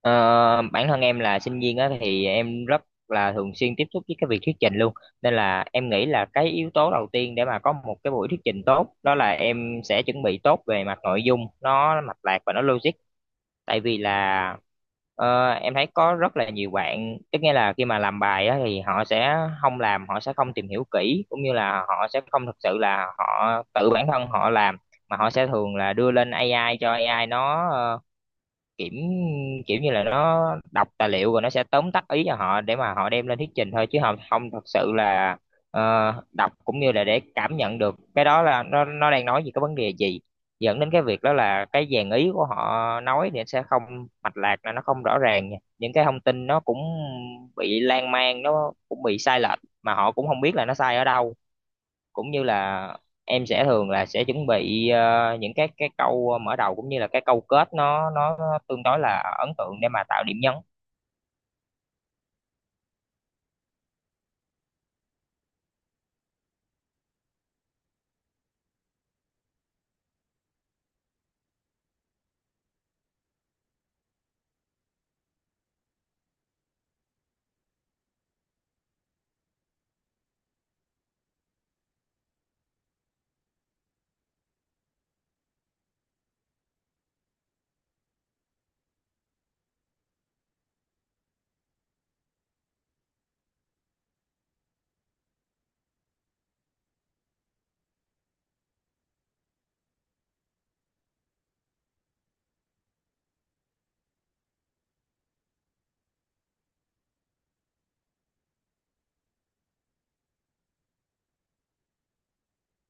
Ờ, Bản thân em là sinh viên á thì em rất là thường xuyên tiếp xúc với cái việc thuyết trình luôn, nên là em nghĩ là cái yếu tố đầu tiên để mà có một cái buổi thuyết trình tốt đó là em sẽ chuẩn bị tốt về mặt nội dung, nó mạch lạc và nó logic. Tại vì là em thấy có rất là nhiều bạn, tức nghĩa là khi mà làm bài á thì họ sẽ không tìm hiểu kỹ, cũng như là họ sẽ không thực sự là họ tự bản thân họ làm, mà họ sẽ thường là đưa lên AI, cho AI nó kiểu kiểu như là nó đọc tài liệu rồi nó sẽ tóm tắt ý cho họ để mà họ đem lên thuyết trình thôi, chứ không không thật sự là ờ, đọc cũng như là để cảm nhận được cái đó là nó đang nói gì, cái vấn đề gì, dẫn đến cái việc đó là cái dàn ý của họ nói thì nó sẽ không mạch lạc, là nó không rõ ràng nha. Những cái thông tin nó cũng bị lan man, nó cũng bị sai lệch mà họ cũng không biết là nó sai ở đâu. Cũng như là em sẽ thường là sẽ chuẩn bị những cái câu mở đầu cũng như là cái câu kết, nó tương đối là ấn tượng để mà tạo điểm nhấn.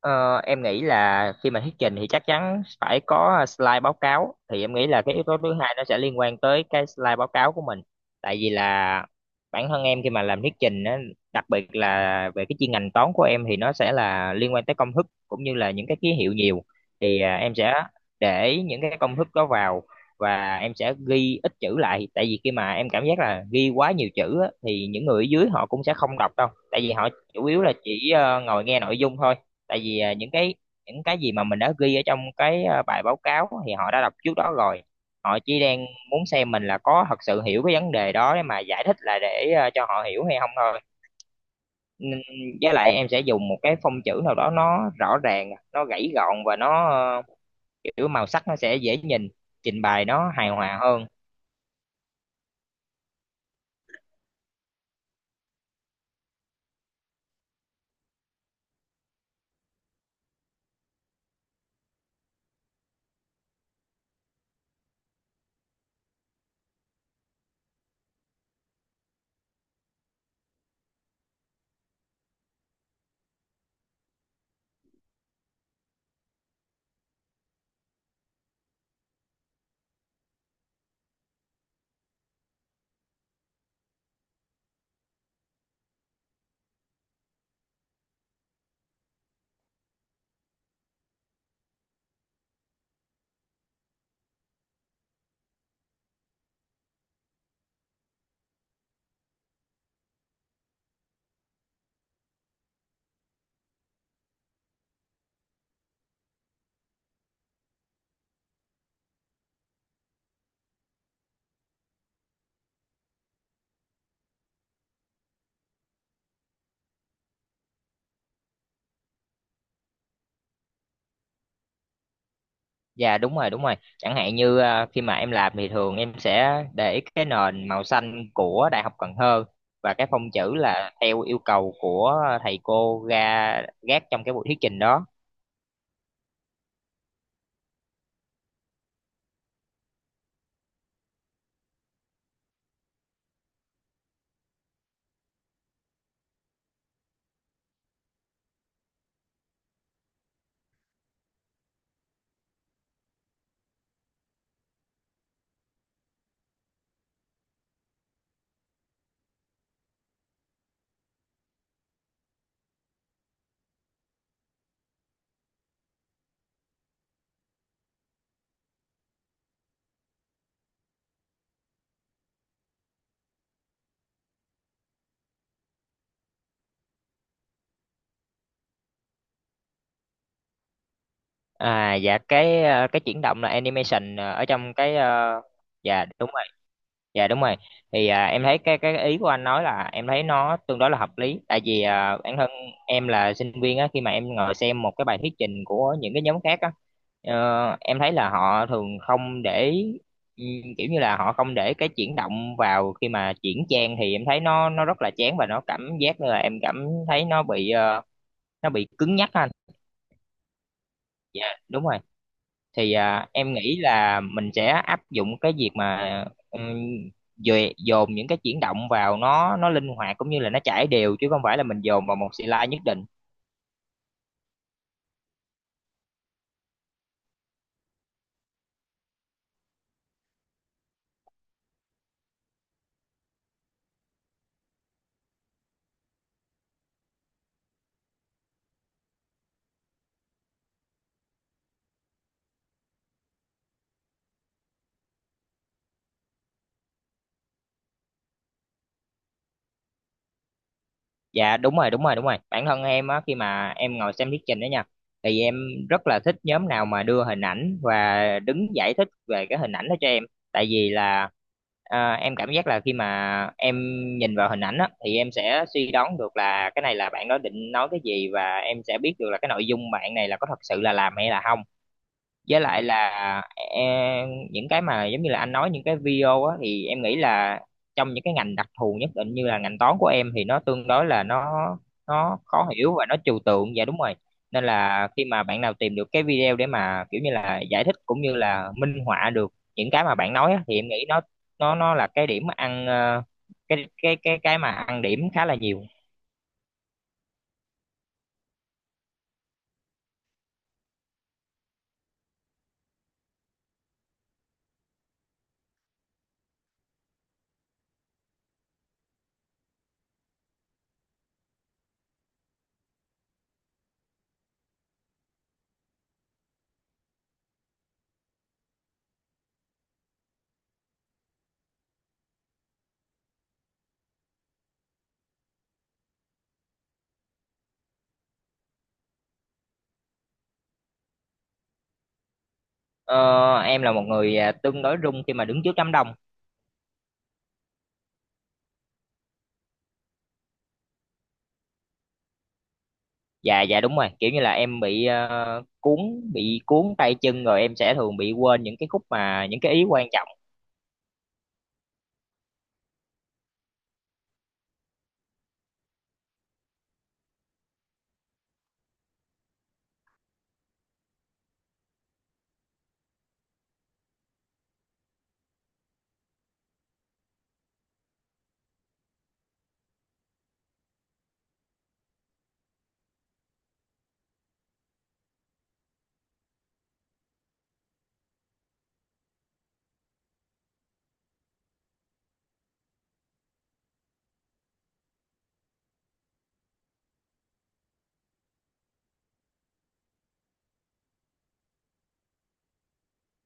Ờ, em nghĩ là khi mà thuyết trình thì chắc chắn phải có slide báo cáo, thì em nghĩ là cái yếu tố thứ hai nó sẽ liên quan tới cái slide báo cáo của mình. Tại vì là bản thân em khi mà làm thuyết trình á, đặc biệt là về cái chuyên ngành toán của em thì nó sẽ là liên quan tới công thức cũng như là những cái ký hiệu nhiều, thì em sẽ để những cái công thức đó vào và em sẽ ghi ít chữ lại. Tại vì khi mà em cảm giác là ghi quá nhiều chữ á, thì những người ở dưới họ cũng sẽ không đọc đâu, tại vì họ chủ yếu là chỉ ngồi nghe nội dung thôi. Tại vì những cái gì mà mình đã ghi ở trong cái bài báo cáo thì họ đã đọc trước đó rồi, họ chỉ đang muốn xem mình là có thật sự hiểu cái vấn đề đó để mà giải thích là để cho họ hiểu hay không thôi. Nên- với lại em sẽ dùng một cái phông chữ nào đó, nó rõ ràng, nó gãy gọn và nó kiểu màu sắc nó sẽ dễ nhìn, trình bày nó hài hòa hơn. Dạ đúng rồi, đúng rồi. Chẳng hạn như khi mà em làm thì thường em sẽ để cái nền màu xanh của Đại học Cần Thơ, và cái phông chữ là theo yêu cầu của thầy cô ra gác trong cái buổi thuyết trình đó. À dạ cái cái chuyển động là animation ở trong cái dạ đúng. Dạ đúng rồi. Thì em thấy cái ý của anh nói, là em thấy nó tương đối là hợp lý. Tại vì bản thân em là sinh viên á, khi mà em ngồi xem một cái bài thuyết trình của những cái nhóm khác á, em thấy là họ thường không để, ừ, kiểu như là họ không để cái chuyển động vào khi mà chuyển trang, thì em thấy nó rất là chán và nó cảm giác như là em cảm thấy nó bị nó bị cứng nhắc á anh. Dạ đúng rồi. Thì em nghĩ là mình sẽ áp dụng cái việc mà ừm, dồn những cái chuyển động vào, nó linh hoạt cũng như là nó chảy đều, chứ không phải là mình dồn vào một slide nhất định. Dạ đúng rồi, đúng rồi, đúng rồi, bản thân em á khi mà em ngồi xem thuyết trình đó nha, thì em rất là thích nhóm nào mà đưa hình ảnh và đứng giải thích về cái hình ảnh đó cho em. Tại vì là em cảm giác là khi mà em nhìn vào hình ảnh á, thì em sẽ suy đoán được là cái này là bạn đó định nói cái gì, và em sẽ biết được là cái nội dung bạn này là có thật sự là làm hay là không. Với lại là em, những cái mà giống như là anh nói, những cái video á, thì em nghĩ là trong những cái ngành đặc thù nhất định như là ngành toán của em thì nó tương đối là nó khó hiểu và nó trừu tượng, dạ đúng rồi. Nên là khi mà bạn nào tìm được cái video để mà kiểu như là giải thích cũng như là minh họa được những cái mà bạn nói á, thì em nghĩ nó là cái điểm ăn cái mà ăn điểm khá là nhiều. Ờ, em là một người tương đối rung khi mà đứng trước đám đông. Dạ dạ đúng rồi, kiểu như là em bị bị cuốn tay chân, rồi em sẽ thường bị quên những cái khúc mà những cái ý quan trọng,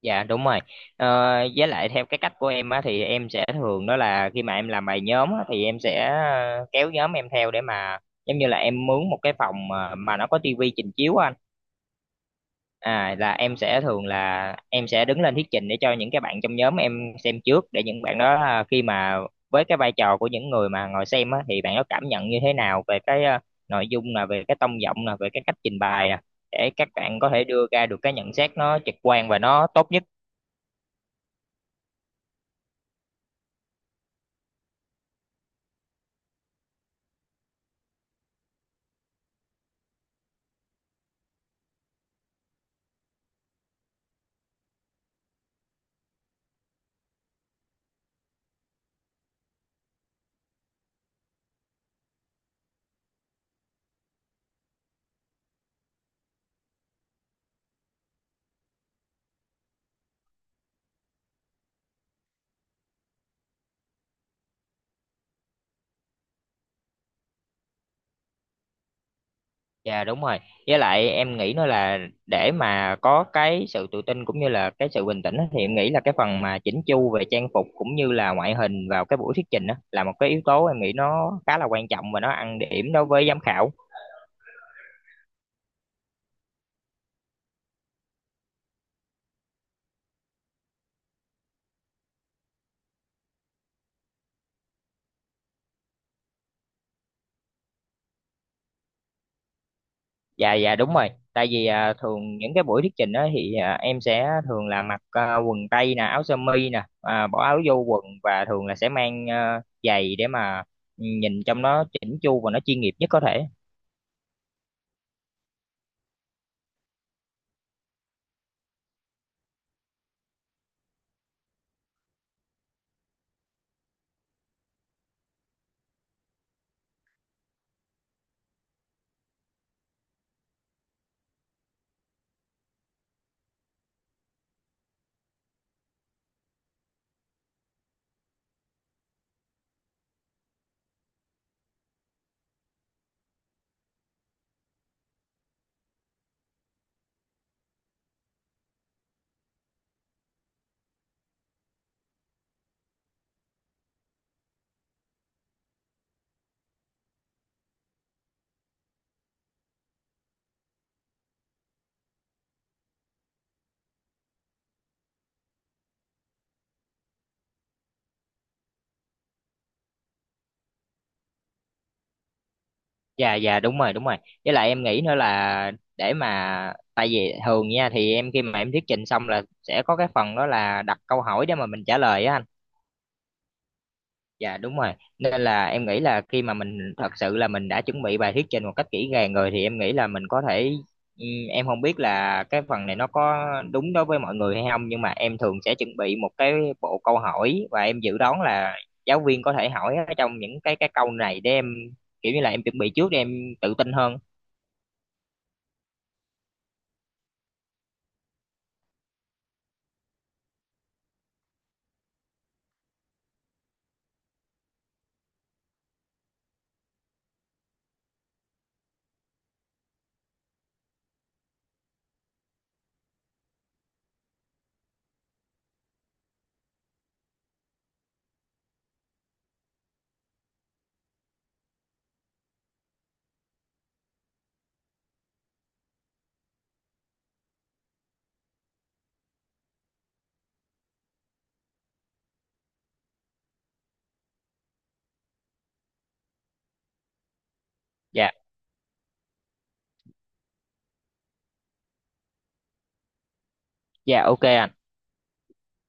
dạ đúng rồi. Ờ, với lại theo cái cách của em á, thì em sẽ thường đó là khi mà em làm bài nhóm á, thì em sẽ kéo nhóm em theo để mà giống như là em mướn một cái phòng mà nó có tivi trình chiếu á anh. À, là em sẽ thường là em sẽ đứng lên thuyết trình để cho những cái bạn trong nhóm em xem trước, để những bạn đó khi mà với cái vai trò của những người mà ngồi xem á, thì bạn đó cảm nhận như thế nào về cái nội dung, là về cái tông giọng, là về cái cách trình bày nè, để các bạn có thể đưa ra được cái nhận xét nó trực quan và nó tốt nhất. Dạ đúng rồi. Với lại em nghĩ nữa là để mà có cái sự tự tin cũng như là cái sự bình tĩnh á, thì em nghĩ là cái phần mà chỉnh chu về trang phục cũng như là ngoại hình vào cái buổi thuyết trình đó là một cái yếu tố em nghĩ nó khá là quan trọng và nó ăn điểm đối với giám khảo. Dạ dạ đúng rồi. Tại vì thường những cái buổi thuyết trình đó thì em sẽ thường là mặc quần tây nè, áo sơ mi nè, bỏ áo vô quần, và thường là sẽ mang giày để mà nhìn trong nó chỉnh chu và nó chuyên nghiệp nhất có thể. Dạ dạ đúng rồi, đúng rồi. Với lại em nghĩ nữa là để mà, tại vì thường nha thì em khi mà em thuyết trình xong là sẽ có cái phần đó là đặt câu hỏi để mà mình trả lời á anh. Dạ đúng rồi. Nên là em nghĩ là khi mà mình thật sự là mình đã chuẩn bị bài thuyết trình một cách kỹ càng rồi, thì em nghĩ là mình có thể em không biết là cái phần này nó có đúng đối với mọi người hay không, nhưng mà em thường sẽ chuẩn bị một cái bộ câu hỏi và em dự đoán là giáo viên có thể hỏi ở trong những cái câu này, để em kiểu như là em chuẩn bị trước để em tự tin hơn. Dạ. Dạ ok ạ.